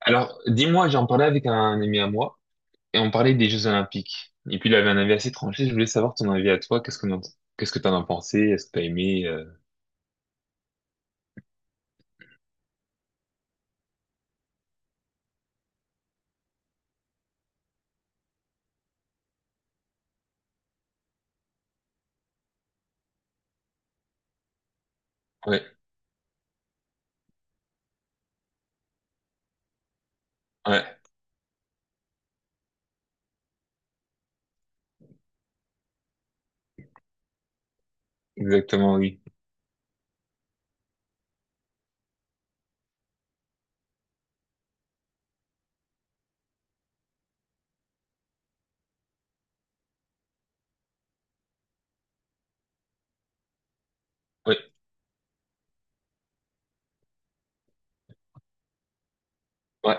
Alors, dis-moi, j'en parlais avec un ami à moi et on parlait des Jeux Olympiques. Et puis il avait un avis assez tranché. Je voulais savoir ton avis à toi. Qu'est-ce que t'en as pensé? Est-ce que t'as aimé? Ouais, ouais, exactement, oui. Ouais, ouais,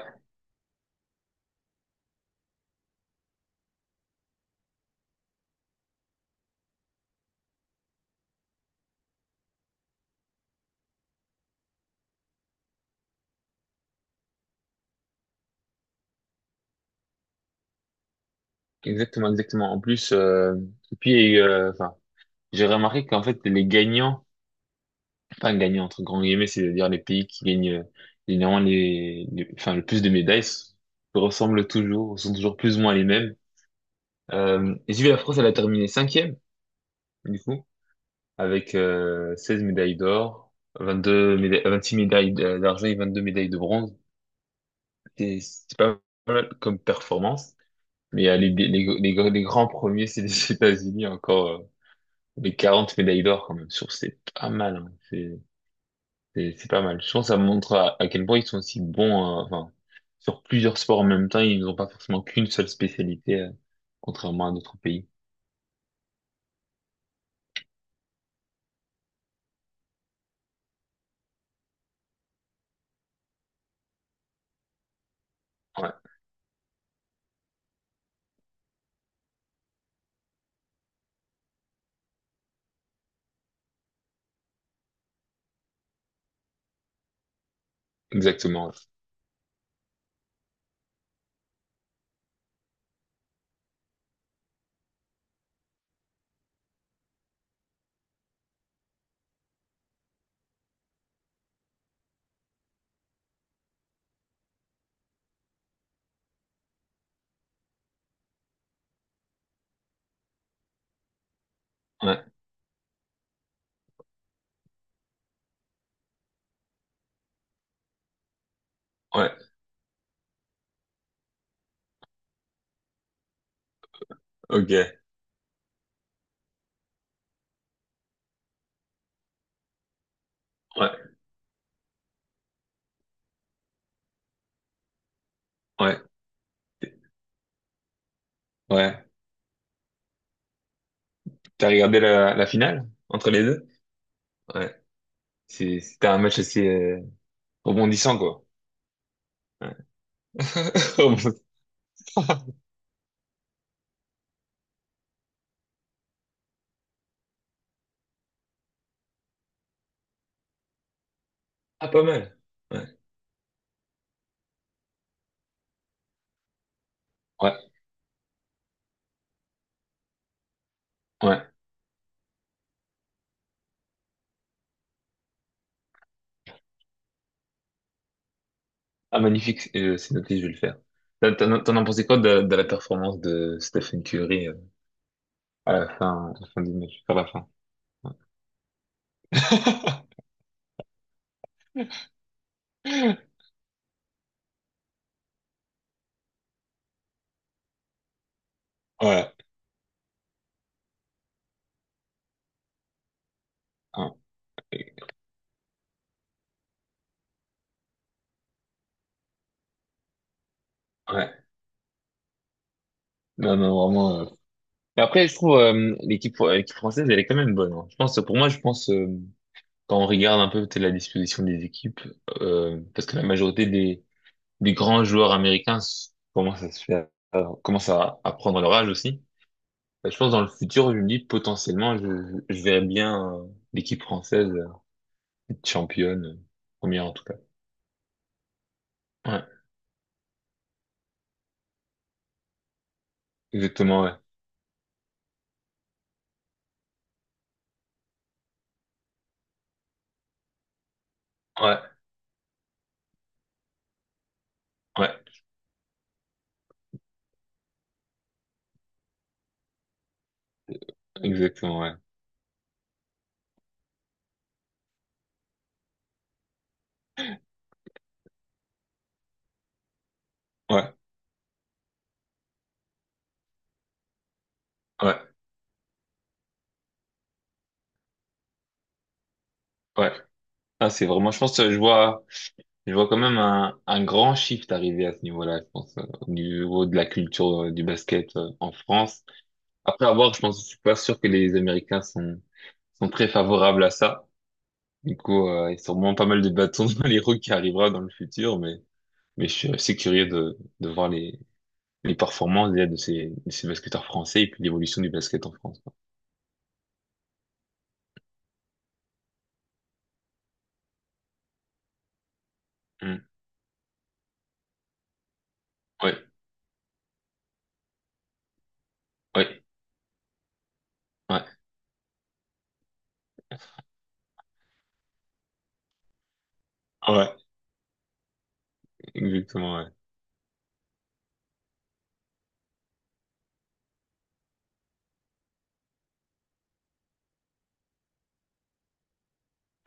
exactement, exactement. En plus, et puis, enfin, j'ai remarqué qu'en fait les gagnants, enfin gagnants entre grands guillemets, c'est-à-dire les pays qui gagnent généralement enfin le plus de médailles, ressemblent toujours, sont toujours plus ou moins les mêmes. Et si la France, elle a terminé cinquième du coup, avec 16 médailles d'or, 22 médailles, 26 d'argent et 22 médailles de bronze. C'est pas mal comme performance, mais les grands premiers, c'est les États-Unis, encore les 40 médailles d'or quand même. Je trouve que c'est pas mal, hein. C'est pas mal. Je pense que ça montre à quel point ils sont aussi bons, enfin, sur plusieurs sports en même temps, ils n'ont pas forcément qu'une seule spécialité, contrairement à d'autres pays. Ouais, exactement. Ouais, ouais, ouais. Ok, ouais, ouais, ouais. T'as regardé la finale entre les deux? Ouais. C'était un match assez rebondissant, quoi. Ouais. Rebondissant. Ah, pas mal. Ouais. Ouais. Ouais. Ah, magnifique. C'est noté, je vais le faire. T'en as pensé quoi de la performance de Stephen Curry à la fin du match, vers la fin? Ouais. Ouais. Ouais. Ouais. Non, non, vraiment. Mais après, je trouve l'équipe française, elle est quand même bonne, hein. Je pense, pour moi, je pense, quand on regarde un peu tu sais, la disposition des équipes, parce que la majorité des grands joueurs américains commencent à se faire, commencent à prendre leur âge aussi. Bah, je pense dans le futur, je me dis potentiellement, je verrais bien l'équipe française être championne, première en tout cas. Ouais, exactement, ouais. Ouais, ouais, exactement, ouais. Ouais, ouais, ouais. Ah, c'est vraiment, je pense, je vois quand même un grand shift arriver à ce niveau-là, je pense, au niveau de la culture du basket en France. Après avoir, je pense, je suis pas sûr que les Américains sont très favorables à ça. Du coup, il y a sûrement pas mal de bâtons dans les roues qui arrivera dans le futur, mais je suis assez curieux de voir les performances déjà de ces basketteurs français et puis l'évolution du basket en France, quoi. Hmm. Ouais, ouais, ouais, ouais, exactement, ouais.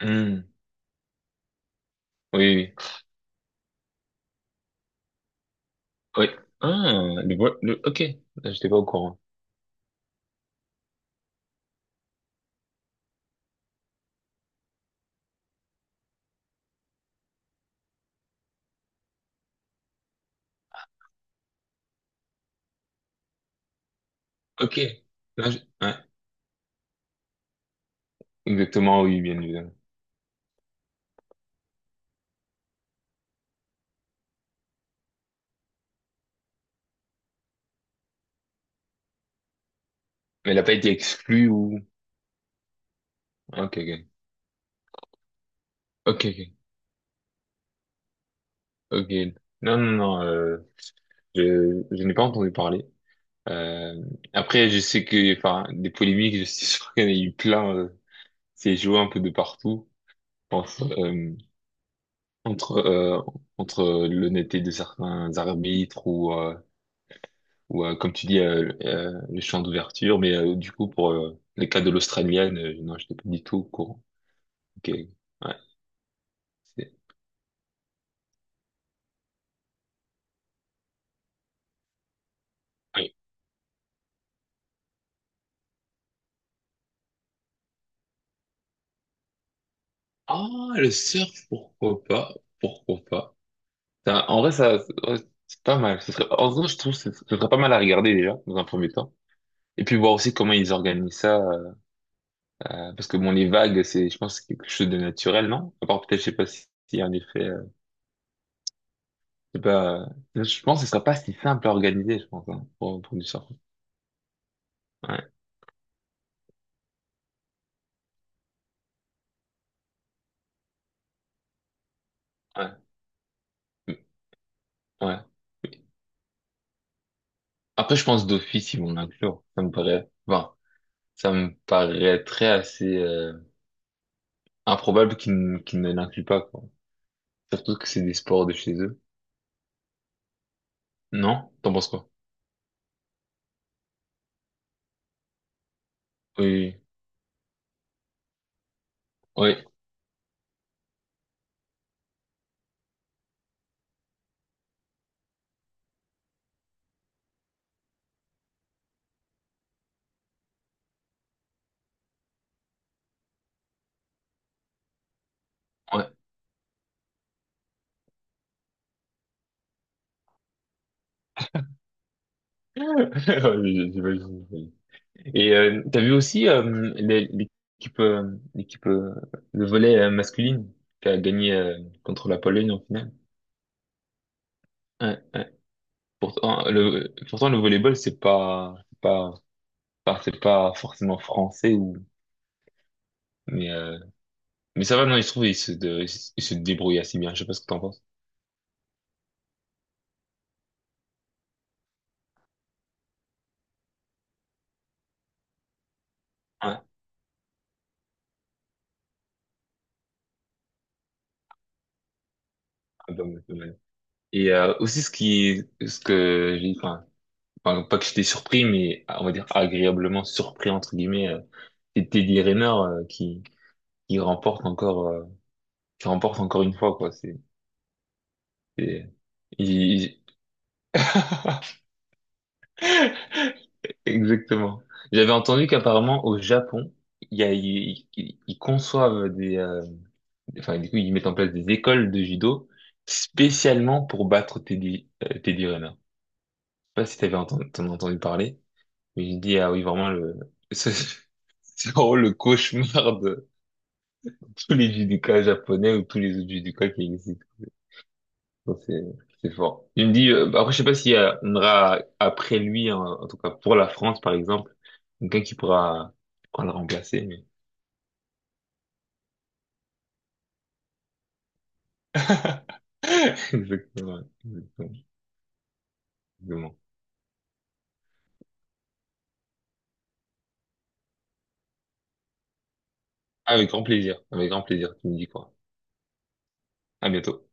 Hmm. Oui, oui, oui. Ah, ok, là, j'étais pas au courant. Ok, là, je- ouais, exactement, oui, bien évidemment. Mais elle a pas été exclue ou... Ok, ok, ok, ok. Ok. Non, non, non, je n'ai pas entendu parler. Euh, Après, je sais que, enfin, des polémiques, je suis sûr qu'il y en a eu plein. C'est joué un peu de partout. Je pense, entre, entre l'honnêteté de certains arbitres ou, comme tu dis, le champ d'ouverture. Mais du coup, pour le cas de l'Australienne, non, je n'étais pas du tout au courant. Ok. Ouais. c'est- ouais. Ah, le surf, pourquoi pas? Pourquoi pas? En vrai, ça, ouais, c'est pas mal. Ce serait, en vrai, je trouve que ce serait pas mal à regarder déjà, dans un premier temps. Et puis voir aussi comment ils organisent ça. Parce que bon, les vagues, c'est, je pense, quelque chose de naturel, non? À part peut-être, je sais pas si, si en effet, je sais pas, je pense que ce serait pas si simple à organiser, je pense, hein, pour du surf. Ouais, ouais, mm, ouais. Après, je pense d'office, ils vont l'inclure. Ça me paraît, bon, ça me paraîtrait assez, improbable qu'ils ne l'incluent pas, quoi. Surtout que c'est des sports de chez eux. Non? T'en penses quoi? Oui, oui, oui. Ouais, ouais. Ouais, j'imagine, j'imagine. Et t'as vu aussi l'é- l'équipe l'équipe le volley masculine qui a gagné contre la Pologne en finale. Ouais, ouais. Pourtant le volleyball c'est pas forcément français ou mais euh, mais ça va non ils se trouvent ils se de- ils se débrouillent assez bien. Je sais pas ce que t'en penses. Ouais. Ah, pas mal, pas mal. Et aussi ce que j'ai non pas que j'étais surpris, mais on va dire agréablement surpris entre guillemets. C'est Teddy Riner qui remporte encore euh, qui remporte encore une fois, quoi. C'est- il- il- Exactement. J'avais entendu qu'apparemment au Japon il y a ils ils- ils conçoivent des enfin du coup ils mettent en place des écoles de judo spécialement pour battre Teddy Teddy Riner. Je sais pas si t'avais entendu, t'en as entendu parler, mais j'ai dit ah oui vraiment le ce- c'est vraiment le cauchemar tous les judokas japonais ou tous les autres judokas qui existent. Ça, C'est c'est fort. Il me dit, bah, après, je sais pas on aura après lui, en, en tout cas pour la France, par exemple, quelqu'un qui pourra le remplacer. Mais... Exactement, exactement. Exactement. Avec grand plaisir, tu me dis quoi. À bientôt.